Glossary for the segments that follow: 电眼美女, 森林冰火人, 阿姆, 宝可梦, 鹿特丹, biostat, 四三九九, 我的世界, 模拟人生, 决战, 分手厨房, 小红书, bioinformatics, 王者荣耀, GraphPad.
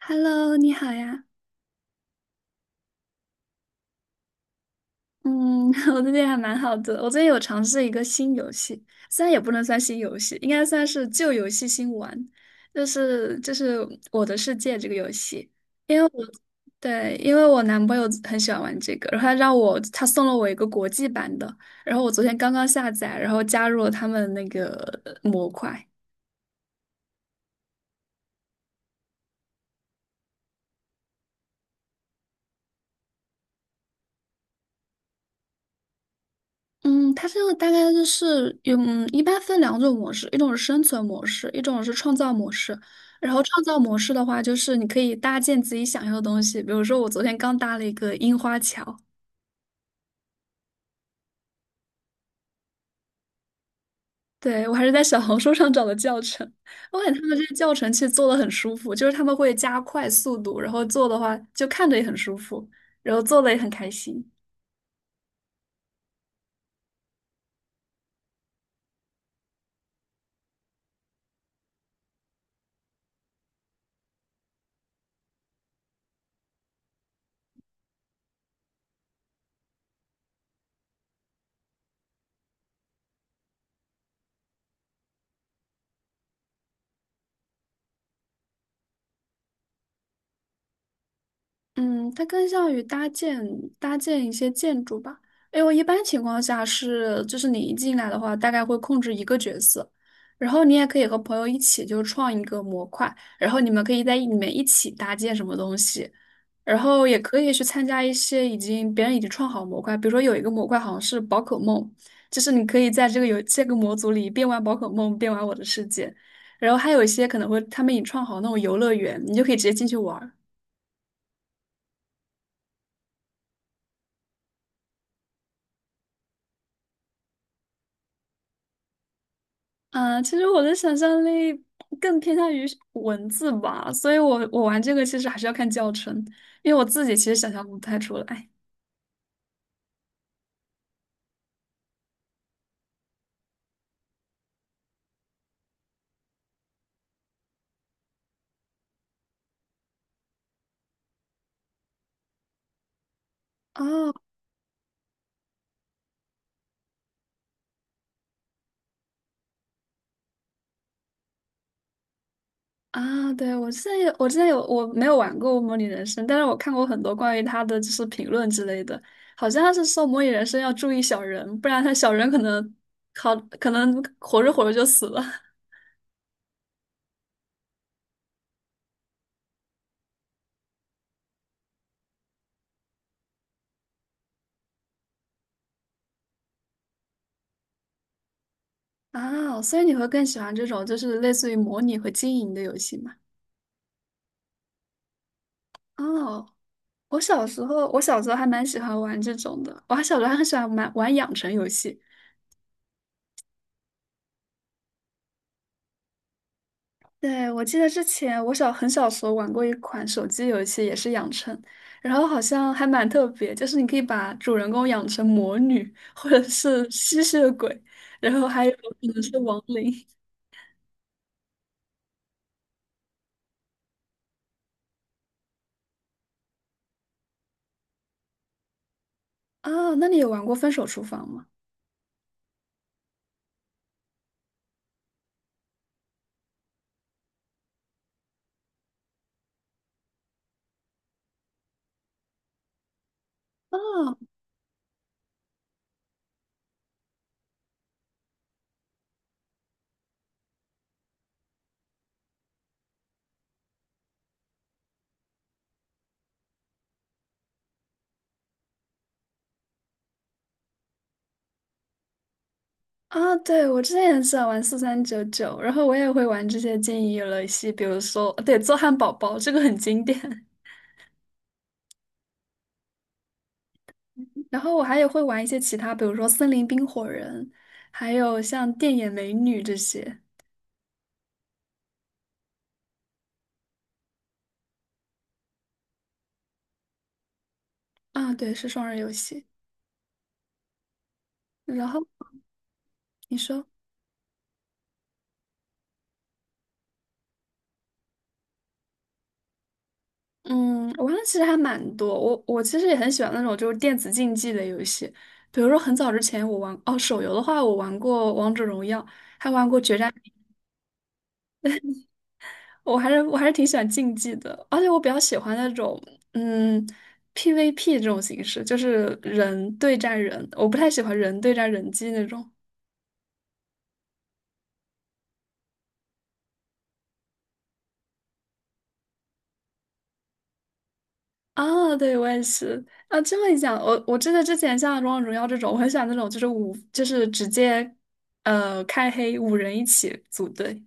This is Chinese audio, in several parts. Hello，你好呀。嗯，我最近还蛮好的。我最近有尝试一个新游戏，虽然也不能算新游戏，应该算是旧游戏新玩，就是《我的世界》这个游戏。因为我对，因为我男朋友很喜欢玩这个，然后他送了我一个国际版的，然后我昨天刚刚下载，然后加入了他们那个模块。嗯，它这个大概就是有，一般分两种模式，一种是生存模式，一种是创造模式。然后创造模式的话，就是你可以搭建自己想要的东西，比如说我昨天刚搭了一个樱花桥，对，我还是在小红书上找的教程，我感觉他们这个教程其实做的很舒服，就是他们会加快速度，然后做的话就看着也很舒服，然后做的也很开心。嗯，它更像于搭建一些建筑吧。因为一般情况下是，就是你一进来的话，大概会控制一个角色，然后你也可以和朋友一起就创一个模块，然后你们可以在里面一起搭建什么东西，然后也可以去参加一些别人已经创好模块，比如说有一个模块好像是宝可梦，就是你可以在这个游这个模组里边玩宝可梦边玩我的世界，然后还有一些可能会他们已经创好那种游乐园，你就可以直接进去玩儿啊，其实我的想象力更偏向于是文字吧，所以我玩这个其实还是要看教程，因为我自己其实想象不太出来。哦啊，对，我没有玩过《模拟人生》，但是我看过很多关于他的就是评论之类的，好像他是说《模拟人生》要注意小人，不然他小人可能好可能活着活着就死了 啊，所以你会更喜欢这种就是类似于模拟和经营的游戏吗？哦，我小时候还蛮喜欢玩这种的。我小时候还很喜欢玩玩养成游戏。对，我记得之前我很小时候玩过一款手机游戏，也是养成，然后好像还蛮特别，就是你可以把主人公养成魔女或者是吸血鬼，然后还有可能是亡灵。啊，那你有玩过《分手厨房》吗？哦啊，对，我之前也喜欢玩4399，然后我也会玩这些经营游戏，比如说，对，做汉堡包，这个很经典。然后我还也会玩一些其他，比如说森林冰火人，还有像电眼美女这些啊，对，是双人游戏。然后你说，嗯，我玩的其实还蛮多，我其实也很喜欢那种就是电子竞技的游戏，比如说很早之前哦，手游的话我玩过王者荣耀，还玩过决战，我还是挺喜欢竞技的，而且我比较喜欢那种嗯 PVP 这种形式，就是人对战人，我不太喜欢人对战人机那种。啊，对，我也是啊。这么一讲，我真的之前像《王者荣耀》这种，我很喜欢那种就是五，就是直接开黑5人一起组队。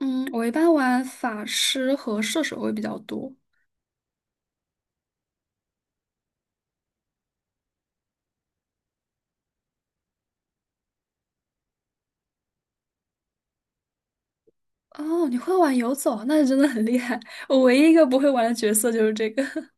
嗯，我一般玩法师和射手会比较多。哦，你会玩游走，那真的很厉害。我唯一一个不会玩的角色就是这个。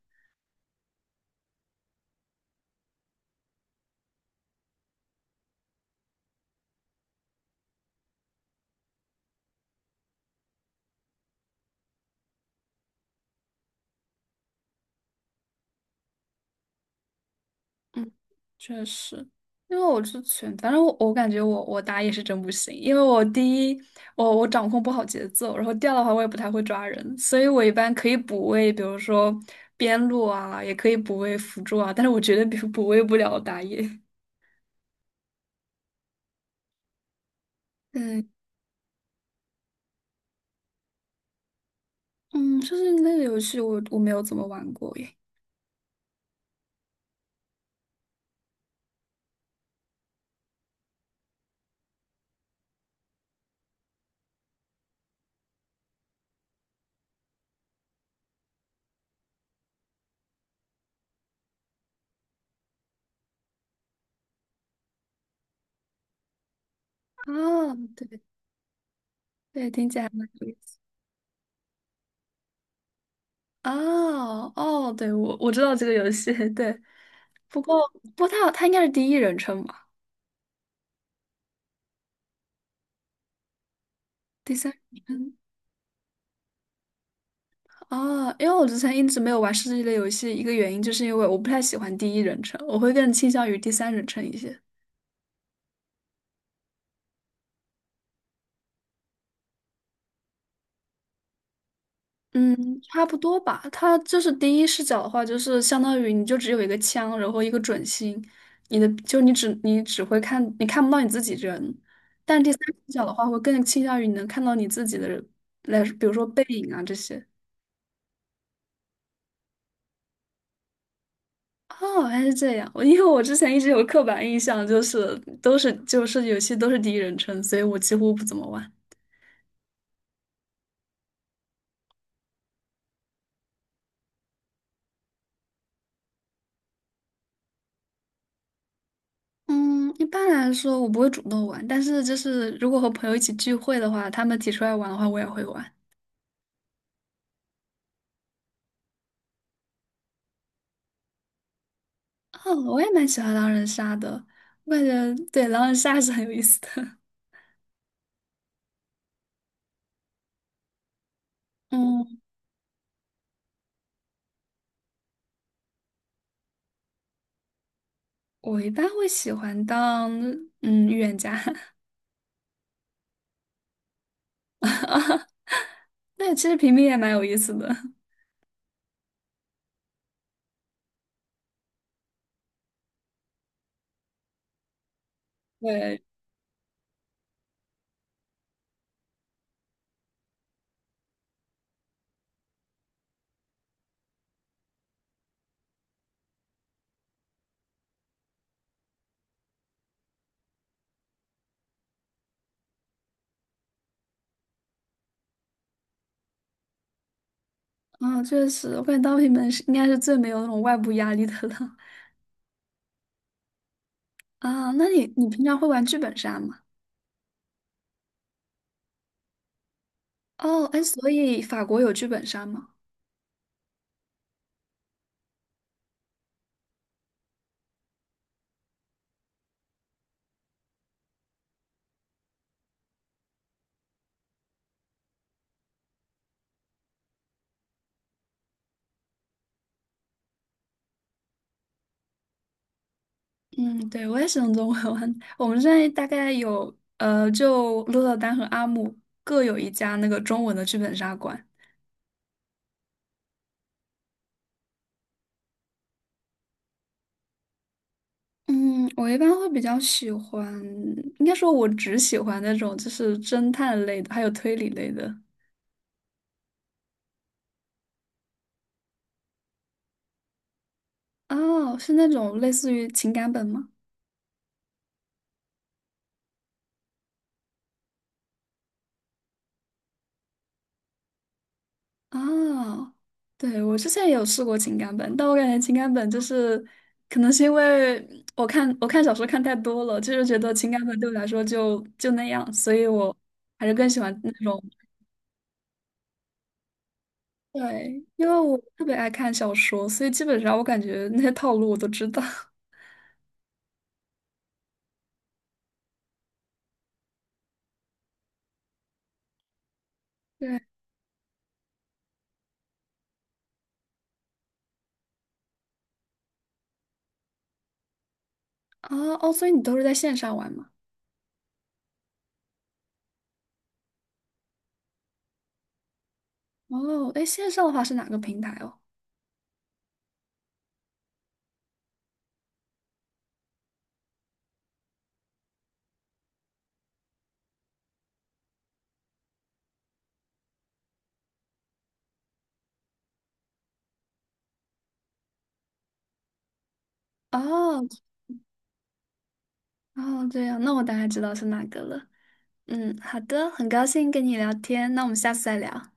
确实，因为我之前，反正我感觉我打野是真不行，因为我第一我掌控不好节奏，然后第二的话我也不太会抓人，所以我一般可以补位，比如说边路啊，也可以补位辅助啊，但是我绝对比补位不了打野。嗯嗯，就是那个游戏我没有怎么玩过耶。啊，对对，听起来还蛮有意思。哦哦，对，我知道这个游戏，对，不过不过它应该是第一人称吧，第三人称。哦，因为我之前一直没有玩射击类游戏，一个原因就是因为我不太喜欢第一人称，我会更倾向于第三人称一些。嗯，差不多吧。它就是第一视角的话，就是相当于你就只有一个枪，然后一个准心，你的就你只会看，你看不到你自己人。但第三视角的话，会更倾向于你能看到你自己的人，来，比如说背影啊这些。哦，还是这样。我因为我之前一直有刻板印象，就是都是就是游戏都是第一人称，所以我几乎不怎么玩。嗯，一般来说我不会主动玩，但是就是如果和朋友一起聚会的话，他们提出来玩的话，我也会玩。哦，我也蛮喜欢狼人杀的，我感觉对狼人杀是很有意思的。嗯，我一般会喜欢当预言家，那其实平民也蛮有意思的。对，啊，确实，我感觉当平民是应该是最没有那种外部压力的了。啊，那你平常会玩剧本杀吗？哦，哎，所以法国有剧本杀吗？嗯，对，我也是用中文玩。我们现在大概有，就鹿特丹和阿姆各有一家那个中文的剧本杀馆。嗯，我一般会比较喜欢，应该说我只喜欢那种就是侦探类的，还有推理类的。哦，是那种类似于情感本吗？啊，对，我之前也有试过情感本，但我感觉情感本就是，可能是因为我看小说看太多了，就是觉得情感本对我来说就那样，所以我还是更喜欢那种，对，因为我特别爱看小说，所以基本上我感觉那些套路我都知道。对啊，哦，所以你都是在线上玩吗？哦，哎，线上的话是哪个平台哦？哦，哦，这样，那我大概知道是哪个了。嗯，好的，很高兴跟你聊天，那我们下次再聊。